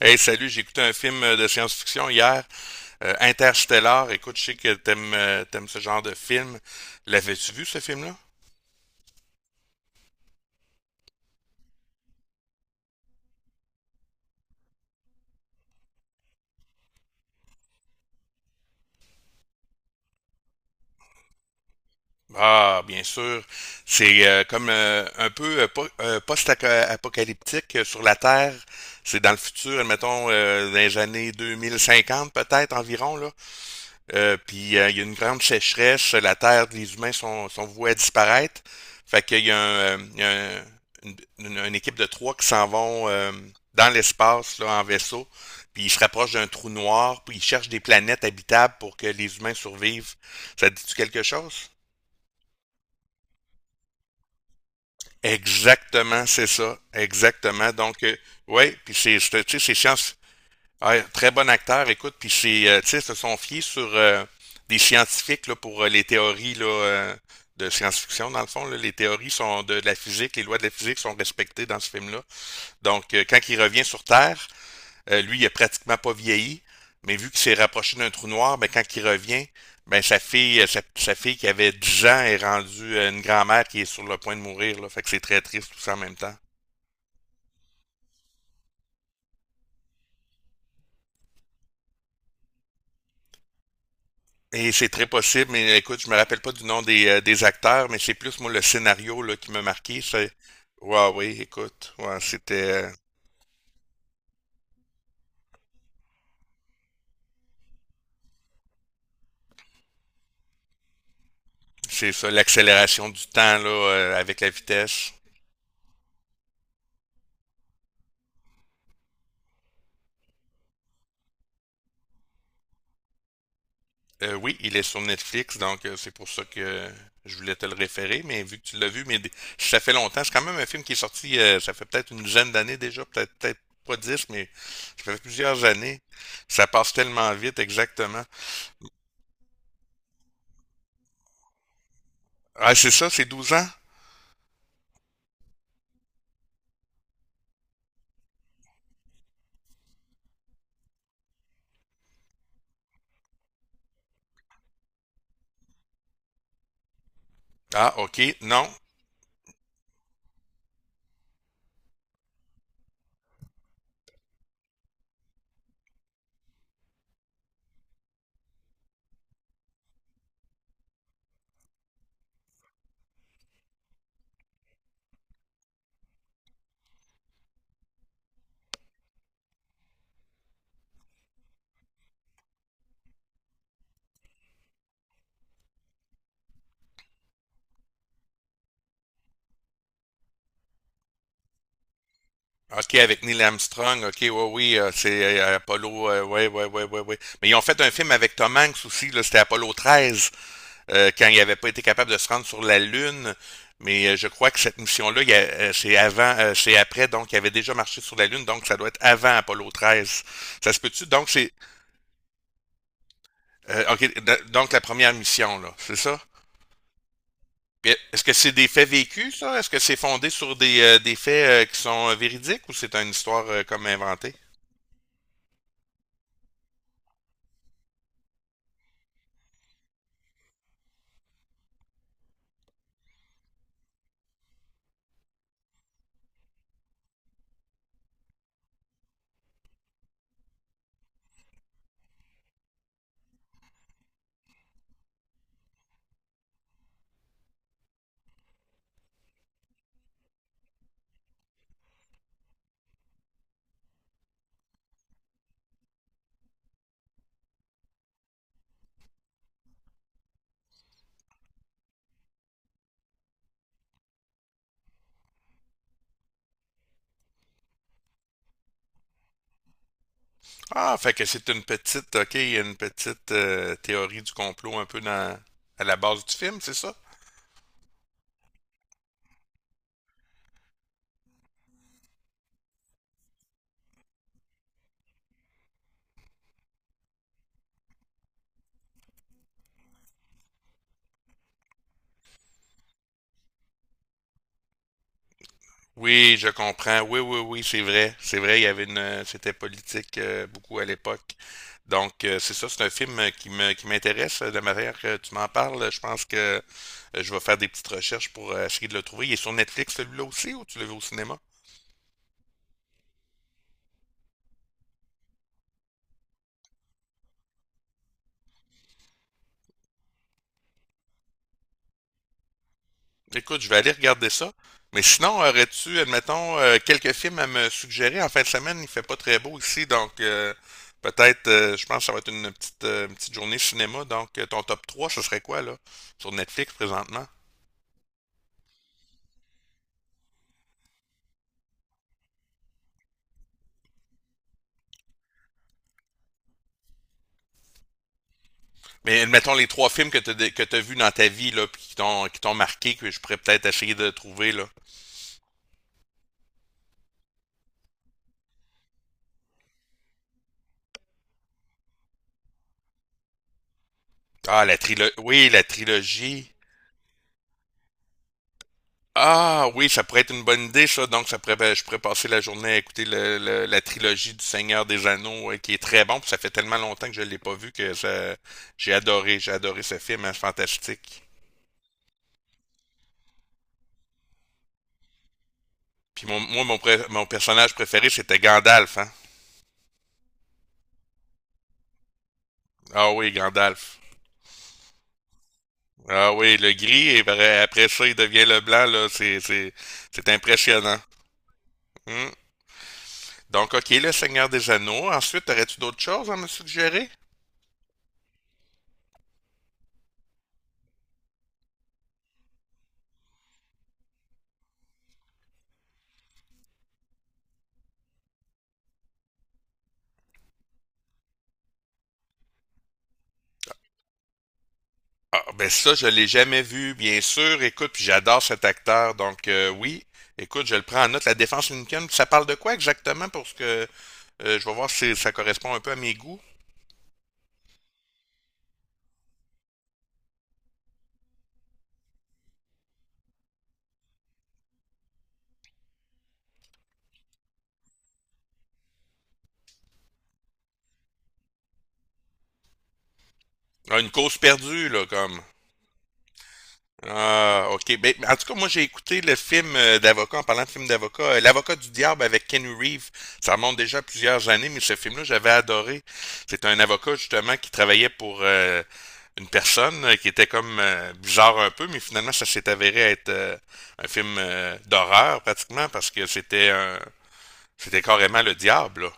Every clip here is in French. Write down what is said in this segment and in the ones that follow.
Hey, salut, j'ai écouté un film de science-fiction hier, Interstellar. Écoute, je sais que t'aimes ce genre de film. L'avais-tu vu, ce film-là? Ah, bien sûr. C'est comme un peu post-apocalyptique sur la Terre. C'est dans le futur, admettons, dans les années 2050, peut-être environ, là. Puis il y a une grande sécheresse, la terre, les humains sont voués à disparaître. Fait qu'il y a, un, une, une équipe de 3 qui s'en vont dans l'espace, là, en vaisseau. Puis ils se rapprochent d'un trou noir, puis ils cherchent des planètes habitables pour que les humains survivent. Ça te dit-tu quelque chose? Exactement, c'est ça. Exactement. Donc, ouais, puis tu sais, c'est science. Ouais, très bon acteur, écoute, puis c'est, tu sais, se sont fiés sur des scientifiques là, pour les théories là, de science-fiction, dans le fond. Là, les théories sont de la physique, les lois de la physique sont respectées dans ce film-là. Donc, quand il revient sur Terre, lui, il a pratiquement pas vieilli, mais vu qu'il s'est rapproché d'un trou noir, ben, quand il revient, ben, sa fille, sa fille qui avait 10 ans est rendue une grand-mère qui est sur le point de mourir. Là, fait que c'est très triste tout ça en même temps. Et c'est très possible, mais écoute, je me rappelle pas du nom des acteurs, mais c'est plus moi le scénario là, qui m'a marqué. C'est ouais, oui, écoute, ouais, c'était c'est ça, l'accélération du temps là, avec la vitesse. Oui, il est sur Netflix, donc c'est pour ça que je voulais te le référer, mais vu que tu l'as vu, ça fait longtemps. C'est quand même un film qui est sorti, ça fait peut-être une dizaine d'années déjà, peut-être pas dix, mais ça fait plusieurs années. Ça passe tellement vite, exactement. Ah, c'est ça, c'est 12 ans? Ah, ok, non. OK, avec Neil Armstrong, OK, ouais, oui, c'est Apollo, ouais, ouais, ouais, ouais, ouais. Mais ils ont fait un film avec Tom Hanks aussi, là, c'était Apollo 13, quand il n'avait pas été capable de se rendre sur la Lune. Mais je crois que cette mission-là, c'est avant, c'est après, donc il avait déjà marché sur la Lune, donc ça doit être avant Apollo 13. Ça se peut-tu? Donc c'est, donc la première mission, là, c'est ça? Puis, est-ce que c'est des faits vécus, ça? Est-ce que c'est fondé sur des faits qui sont véridiques ou c'est une histoire comme inventée? Ah, fait que c'est une petite, ok, il y a une petite théorie du complot un peu dans, à la base du film, c'est ça? Oui, je comprends. Oui, oui, oui, c'est vrai. C'est vrai, il y avait une, c'était politique beaucoup à l'époque. Donc, c'est ça, c'est un film qui m'intéresse. Euh, de manière que tu m'en parles, je pense que je vais faire des petites recherches pour essayer de le trouver. Il est sur Netflix, celui-là aussi, ou tu le vu au cinéma? Écoute, je vais aller regarder ça. Mais sinon, aurais-tu, admettons, quelques films à me suggérer? En fin de semaine, il fait pas très beau ici, donc peut-être, je pense que ça va être une petite journée cinéma. Donc, ton top 3, ce serait quoi, là, sur Netflix présentement? Mais admettons les trois films que t'as vus dans ta vie, là, puis qui t'ont marqué, que je pourrais peut-être essayer de trouver, là. Ah, la trilogie. Oui, la trilogie. Ah oui, ça pourrait être une bonne idée, ça. Donc, ça pourrait, ben, je pourrais passer la journée à écouter la trilogie du Seigneur des Anneaux, qui est très bon. Puis ça fait tellement longtemps que je l'ai pas vu que ça, j'ai adoré ce film, hein, c'est fantastique. Puis mon personnage préféré, c'était Gandalf. Hein? Ah oui, Gandalf. Ah oui, le gris, après ça, il devient le blanc, là. C'est impressionnant. Hum. Donc, OK, le Seigneur des Anneaux. Ensuite, aurais-tu d'autres choses à me suggérer? Ah, ben ça, je l'ai jamais vu, bien sûr. Écoute, puis j'adore cet acteur, donc oui. Écoute, je le prends en note. La défense Lincoln, ça parle de quoi exactement? Pour ce que je vais voir si ça correspond un peu à mes goûts. Ah, une cause perdue, là, comme. Ah, ok. Ben, en tout cas, moi, j'ai écouté le film d'avocat, en parlant de film d'avocat, L'avocat du diable avec Ken Reeves. Ça remonte déjà à plusieurs années, mais ce film-là, j'avais adoré. C'est un avocat, justement, qui travaillait pour une personne qui était comme bizarre un peu, mais finalement, ça s'est avéré être un film d'horreur, pratiquement, parce que c'était un... c'était carrément le diable, là.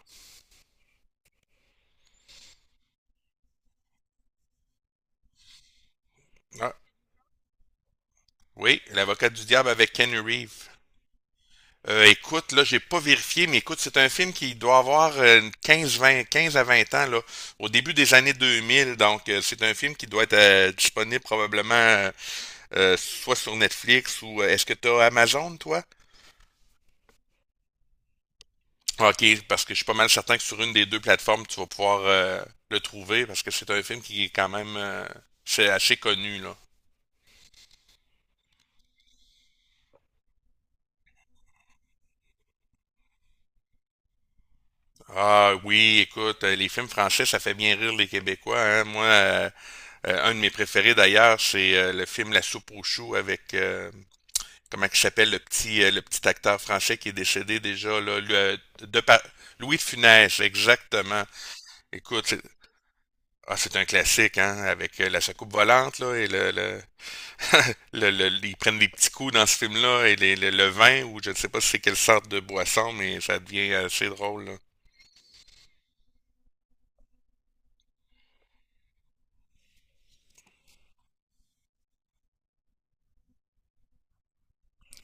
Ah, oui, L'avocat du diable avec Ken Reeves. Écoute, là, j'ai pas vérifié, mais écoute, c'est un film qui doit avoir 15, 20, 15 à 20 ans, là, au début des années 2000. Donc, c'est un film qui doit être disponible probablement soit sur Netflix ou est-ce que tu as Amazon, toi? Ok, parce que je suis pas mal certain que sur une des deux plateformes, tu vas pouvoir le trouver parce que c'est un film qui est quand même c'est assez connu, là. Ah oui, écoute, les films français, ça fait bien rire les Québécois, hein. Moi, un de mes préférés d'ailleurs, c'est le film La soupe aux choux avec comment il s'appelle le petit acteur français qui est décédé déjà là, lui, de Pa- Louis de Funès, exactement. Écoute, c'est ah, c'est un classique, hein, avec la soucoupe volante là et ils prennent des petits coups dans ce film-là et le vin ou je ne sais pas si c'est quelle sorte de boisson, mais ça devient assez drôle.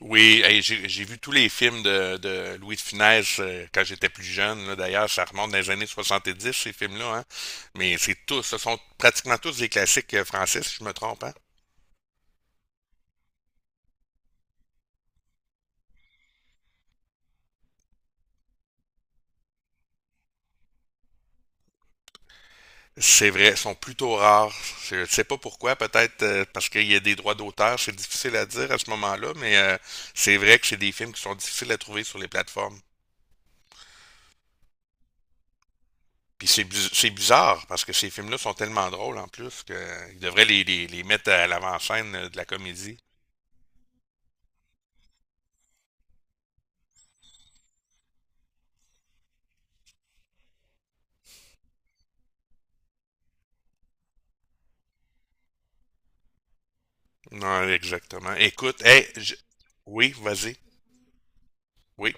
Oui, hey, j'ai vu tous les films de Louis de Funès quand j'étais plus jeune. Là, d'ailleurs, ça remonte dans les années 70, ces films-là. Hein. Mais c'est tous, ce sont pratiquement tous des classiques français, si je me trompe. Hein. C'est vrai, ils sont plutôt rares. Je ne sais pas pourquoi, peut-être parce qu'il y a des droits d'auteur, c'est difficile à dire à ce moment-là, mais c'est vrai que c'est des films qui sont difficiles à trouver sur les plateformes. Puis c'est bizarre, parce que ces films-là sont tellement drôles en plus qu'ils devraient les mettre à l'avant-scène de la comédie. Non, exactement. Écoute, hey, je- oui, vas-y. Oui.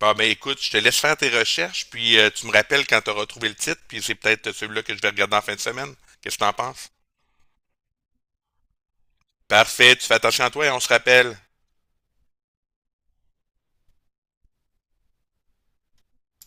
Bon, ben écoute, je te laisse faire tes recherches, puis tu me rappelles quand tu auras trouvé le titre, puis c'est peut-être celui-là que je vais regarder en fin de semaine. Qu'est-ce que t'en penses? Parfait, tu fais attention à toi et on se rappelle.